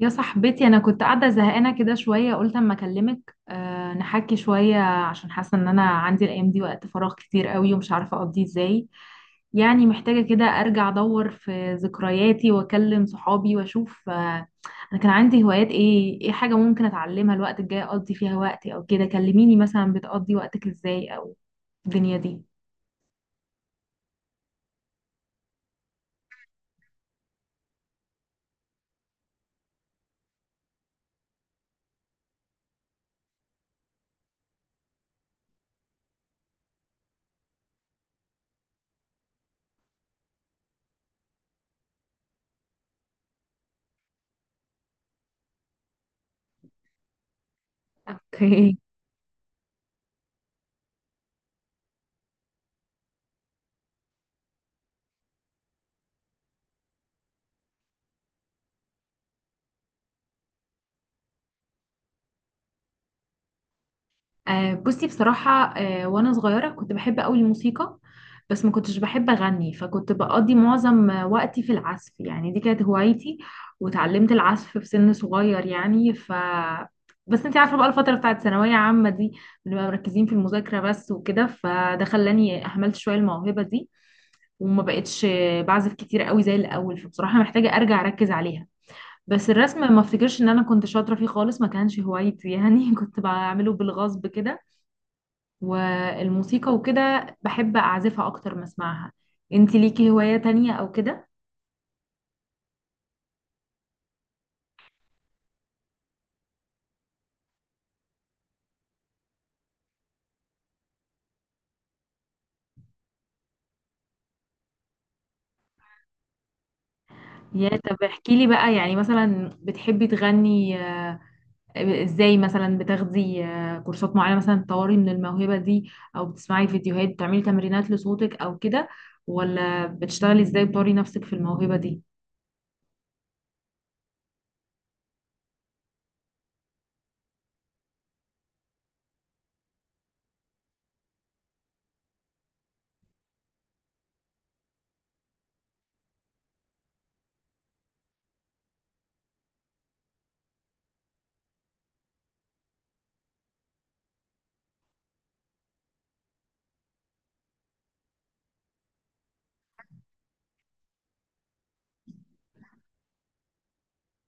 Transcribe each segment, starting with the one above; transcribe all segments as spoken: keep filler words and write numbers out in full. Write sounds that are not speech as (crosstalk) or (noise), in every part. يا صاحبتي انا كنت قاعده زهقانه كده شويه، قلت اما اكلمك، أه نحكي شويه عشان حاسه ان انا عندي الايام دي وقت فراغ كتير قوي ومش عارفه اقضيه ازاي. يعني محتاجه كده ارجع ادور في ذكرياتي واكلم صحابي واشوف، أه انا كان عندي هوايات ايه، ايه حاجه ممكن اتعلمها الوقت الجاي اقضي فيها وقتي او كده. كلميني مثلا بتقضي وقتك ازاي، او الدنيا دي. اوكي. آه، بصي، بصراحة آه، وأنا صغيرة كنت بحب أوي الموسيقى، بس ما كنتش بحب أغني، فكنت بقضي معظم آه، وقتي في العزف، يعني دي كانت هوايتي وتعلمت العزف في سن صغير يعني ف. بس انت عارفة بقى الفترة بتاعت ثانوية عامة دي بنبقى مركزين في المذاكرة بس وكده، فده خلاني أهملت شوية الموهبة دي وما بقتش آه، بعزف كتير قوي زي الأول، فبصراحة محتاجة أرجع أركز عليها. بس الرسم ما افتكرش ان انا كنت شاطرة فيه خالص، ما كانش هوايتي يعني (laughs) كنت بعمله بالغصب كده. والموسيقى وكده بحب اعزفها اكتر ما اسمعها. انت ليكي هواية تانية او كده؟ يا طب احكي لي بقى، يعني مثلا بتحبي تغني، آه، ازاي؟ مثلا بتاخدي آه، كورسات معينة مثلا تطوري من الموهبة دي، او بتسمعي فيديوهات بتعملي تمرينات لصوتك او كده؟ ولا بتشتغلي ازاي بتطوري نفسك في الموهبة دي؟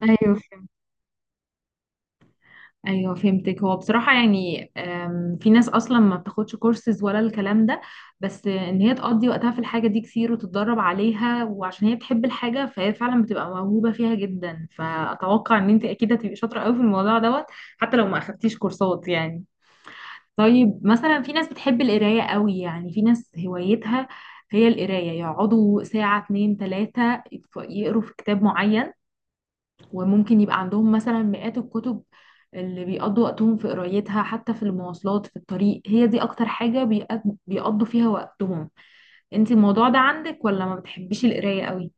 ايوه، ايوه فهمتك. هو بصراحه يعني أم، في ناس اصلا ما بتاخدش كورسز ولا الكلام ده، بس ان هي تقضي وقتها في الحاجه دي كتير وتتدرب عليها وعشان هي بتحب الحاجه فهي فعلا بتبقى موهوبه فيها جدا، فاتوقع ان انت اكيد هتبقي شاطره قوي في الموضوع دوت، حتى لو ما اخدتيش كورسات يعني. طيب مثلا في ناس بتحب القرايه قوي، يعني في ناس هوايتها هي القرايه، يقعدوا ساعه اتنين تلاته يقروا في كتاب معين، وممكن يبقى عندهم مثلا مئات الكتب اللي بيقضوا وقتهم في قرايتها، حتى في المواصلات في الطريق هي دي اكتر حاجة بيقض- بيقضوا فيها وقتهم. انت الموضوع ده عندك ولا ما بتحبيش القراية قوي؟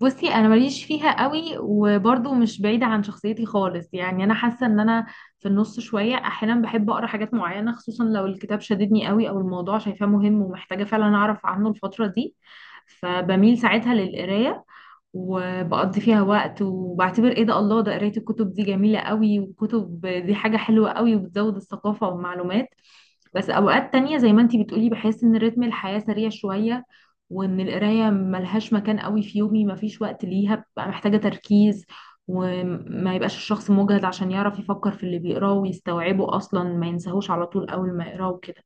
بصي انا ماليش فيها قوي وبرضه مش بعيدة عن شخصيتي خالص، يعني انا حاسة ان انا في النص شوية. احيانا بحب اقرا حاجات معينة خصوصا لو الكتاب شددني قوي، او الموضوع شايفاه مهم ومحتاجة فعلا اعرف عنه الفترة دي، فبميل ساعتها للقراية وبقضي فيها وقت وبعتبر ايه ده، الله، ده قراية الكتب دي جميلة قوي، والكتب دي حاجة حلوة قوي وبتزود الثقافة والمعلومات. بس اوقات تانية زي ما انتي بتقولي بحس ان رتم الحياة سريع شوية، وان القراية ملهاش مكان قوي في يومي، مفيش وقت ليها، ببقى محتاجة تركيز وما يبقاش الشخص مجهد عشان يعرف يفكر في اللي بيقراه ويستوعبه، اصلا ما ينساهوش على طول اول ما يقراه وكده.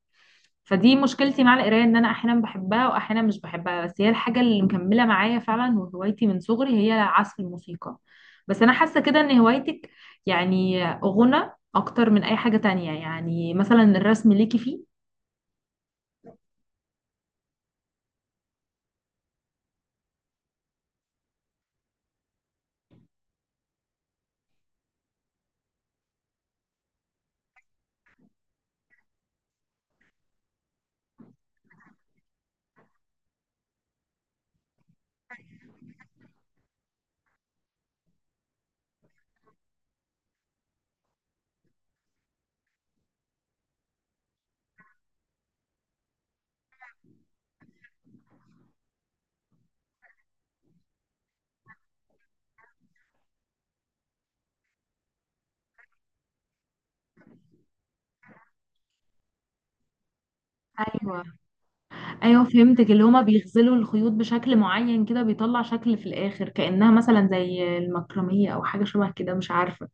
فدي مشكلتي مع القرايه، ان انا احيانا بحبها واحيانا مش بحبها، بس هي الحاجه اللي مكمله معايا فعلا وهوايتي من صغري هي عزف الموسيقى. بس انا حاسه كده ان هوايتك يعني غنى اكتر من اي حاجه تانية. يعني مثلا الرسم ليكي فيه؟ ايوه، ايوه فهمتك، اللي هما بيغزلوا الخيوط بشكل معين كده بيطلع شكل في الاخر، كانها مثلا زي المكرميه او حاجه شبه كده مش عارفه.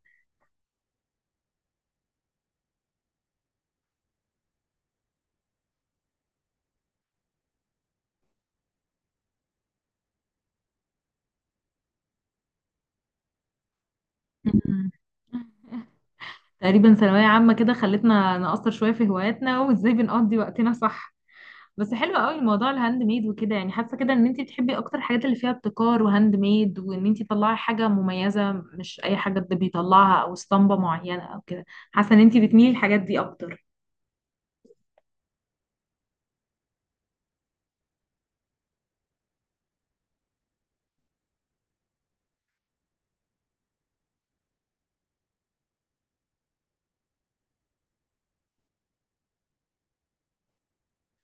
مم. (laughs) تقريبا ثانويه عامه كده خلتنا نقصر شويه في هواياتنا وازاي بنقضي وقتنا، صح؟ بس حلو قوي موضوع الهاند ميد وكده، يعني حاسه كده ان انت بتحبي اكتر الحاجات اللي فيها ابتكار وهاند ميد، وان انت تطلعي حاجه مميزه مش اي حاجه حد بيطلعها او اسطمبه معينه او كده. حاسه ان انت بتميلي الحاجات دي اكتر.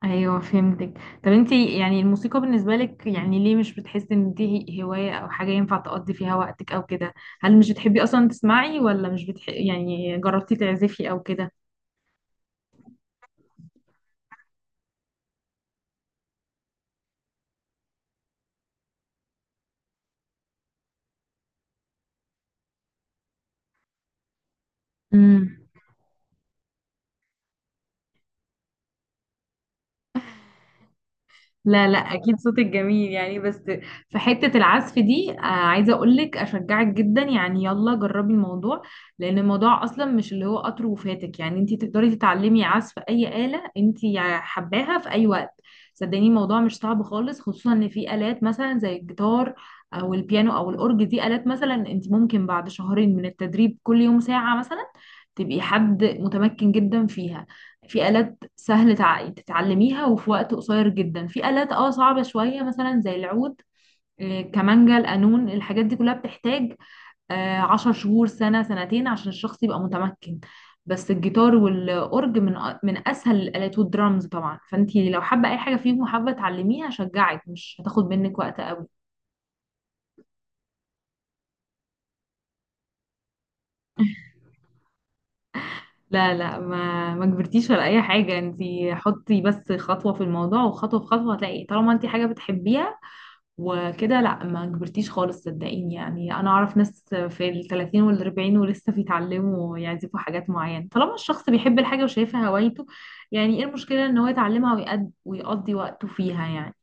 ايوه فهمتك. طب انت يعني الموسيقى بالنسبه لك يعني ليه مش بتحسي ان دي هوايه او حاجه ينفع تقضي فيها وقتك او كده؟ هل مش بتحبي اصلا تسمعي، ولا مش بتح... يعني جربتي تعزفي او كده؟ لا لا، اكيد صوتك جميل يعني. بس في حتة العزف دي آه، عايزة اقولك اشجعك جدا، يعني يلا جربي الموضوع، لان الموضوع اصلا مش اللي هو قطر وفاتك، يعني انتي تقدري تتعلمي عزف اي آلة انتي حباها في اي وقت. صدقيني الموضوع مش صعب خالص، خصوصا ان في آلات مثلا زي الجيتار او البيانو او الاورج، دي آلات مثلا انتي ممكن بعد شهرين من التدريب كل يوم ساعة مثلا تبقي حد متمكن جدا فيها. في آلات سهل تع- تتعلميها وفي وقت قصير جدا، في آلات اه صعبة شوية مثلا زي العود، آه، كمانجا، القانون، الحاجات دي كلها بتحتاج آه، عشر شهور، سنة، سنتين عشان الشخص يبقى متمكن. بس الجيتار والأورج من أ- من أسهل الآلات، والدرامز طبعا، فأنتي لو حابة أي حاجة فيهم وحابة تعلميها أشجعك، مش هتاخد منك وقت. لا لا، ما ما كبرتيش ولا اي حاجه، انتي حطي بس خطوه في الموضوع وخطوه في خطوه هتلاقي، طالما انتي حاجه بتحبيها وكده، لا ما كبرتيش خالص صدقيني. يعني انا اعرف ناس في الثلاثين والاربعين ولسه بيتعلموا يعزفوا حاجات معينه، طالما الشخص بيحب الحاجه وشايفها هوايته يعني ايه المشكله ان هو يتعلمها ويقد- ويقضي وقته فيها يعني.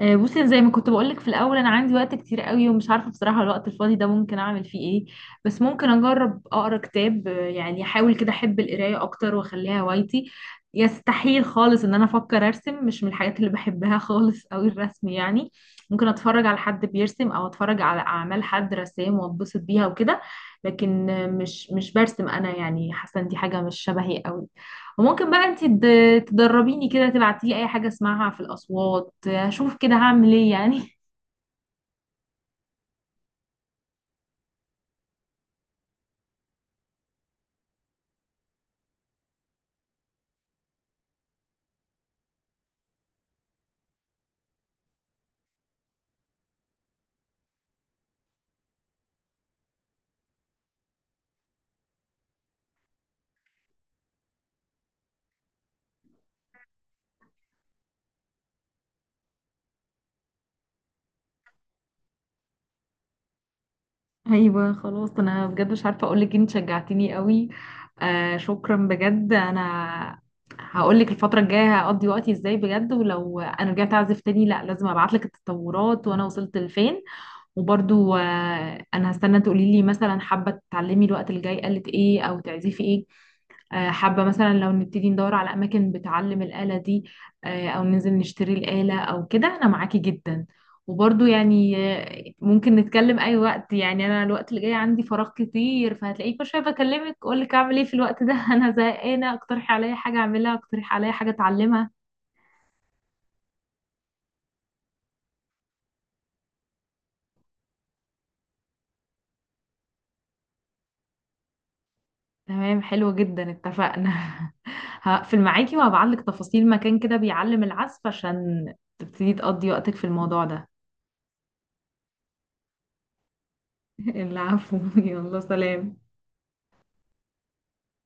آه، بصي أنا زي ما كنت بقولك في الاول انا عندي وقت كتير قوي ومش عارفه بصراحه الوقت الفاضي ده ممكن اعمل فيه ايه. بس ممكن اجرب اقرا كتاب، آه، يعني احاول كده احب القرايه اكتر واخليها هوايتي. يستحيل خالص ان انا افكر ارسم، مش من الحاجات اللي بحبها خالص (laughs) قوي الرسم يعني. ممكن اتفرج على حد بيرسم او اتفرج على اعمال حد رسام واتبسط بيها وكده، لكن آه، مش مش برسم انا، يعني حاسه إن دي حاجه مش شبهي قوي. وممكن بقى انت تد- تدربيني كده، تبعتيلي اي حاجة اسمعها في الاصوات هشوف كده هعمل ايه يعني. (laughs) ايوه خلاص، انا بجد مش عارفة اقولك، انت شجعتيني قوي. آه شكرا بجد. انا هقولك الفترة الجاية هقضي وقتي ازاي بجد، ولو انا رجعت اعزف تاني لا لازم ابعتلك التطورات وانا وصلت لفين. وبرضو آه انا هستنى تقوليلي مثلا حابة تتعلمي الوقت الجاي قالت ايه او تعزفي ايه. آه، حابة مثلا لو نبتدي ندور على أماكن بتعلم الآلة دي، آه، أو ننزل نشتري الآلة أو كده، أنا معاكي جدا. وبرضو يعني آه، ممكن نتكلم أي وقت، يعني أنا الوقت اللي جاي عندي فراغ كتير، فهتلاقيك كل شوية بكلمك أقولك أعمل إيه في الوقت ده. (laughs) أنا زهقانة، اقترحي عليا حاجة أعملها، اقترحي عليا حاجة أتعلمها. تمام، حلو جدا، اتفقنا. (laughs) هقفل معاكي وهبعتلك تفاصيل مكان كده بيعلم العزف عشان تبتدي تقضي وقتك في الموضوع ده. (laughs) العفو، يلا سلام.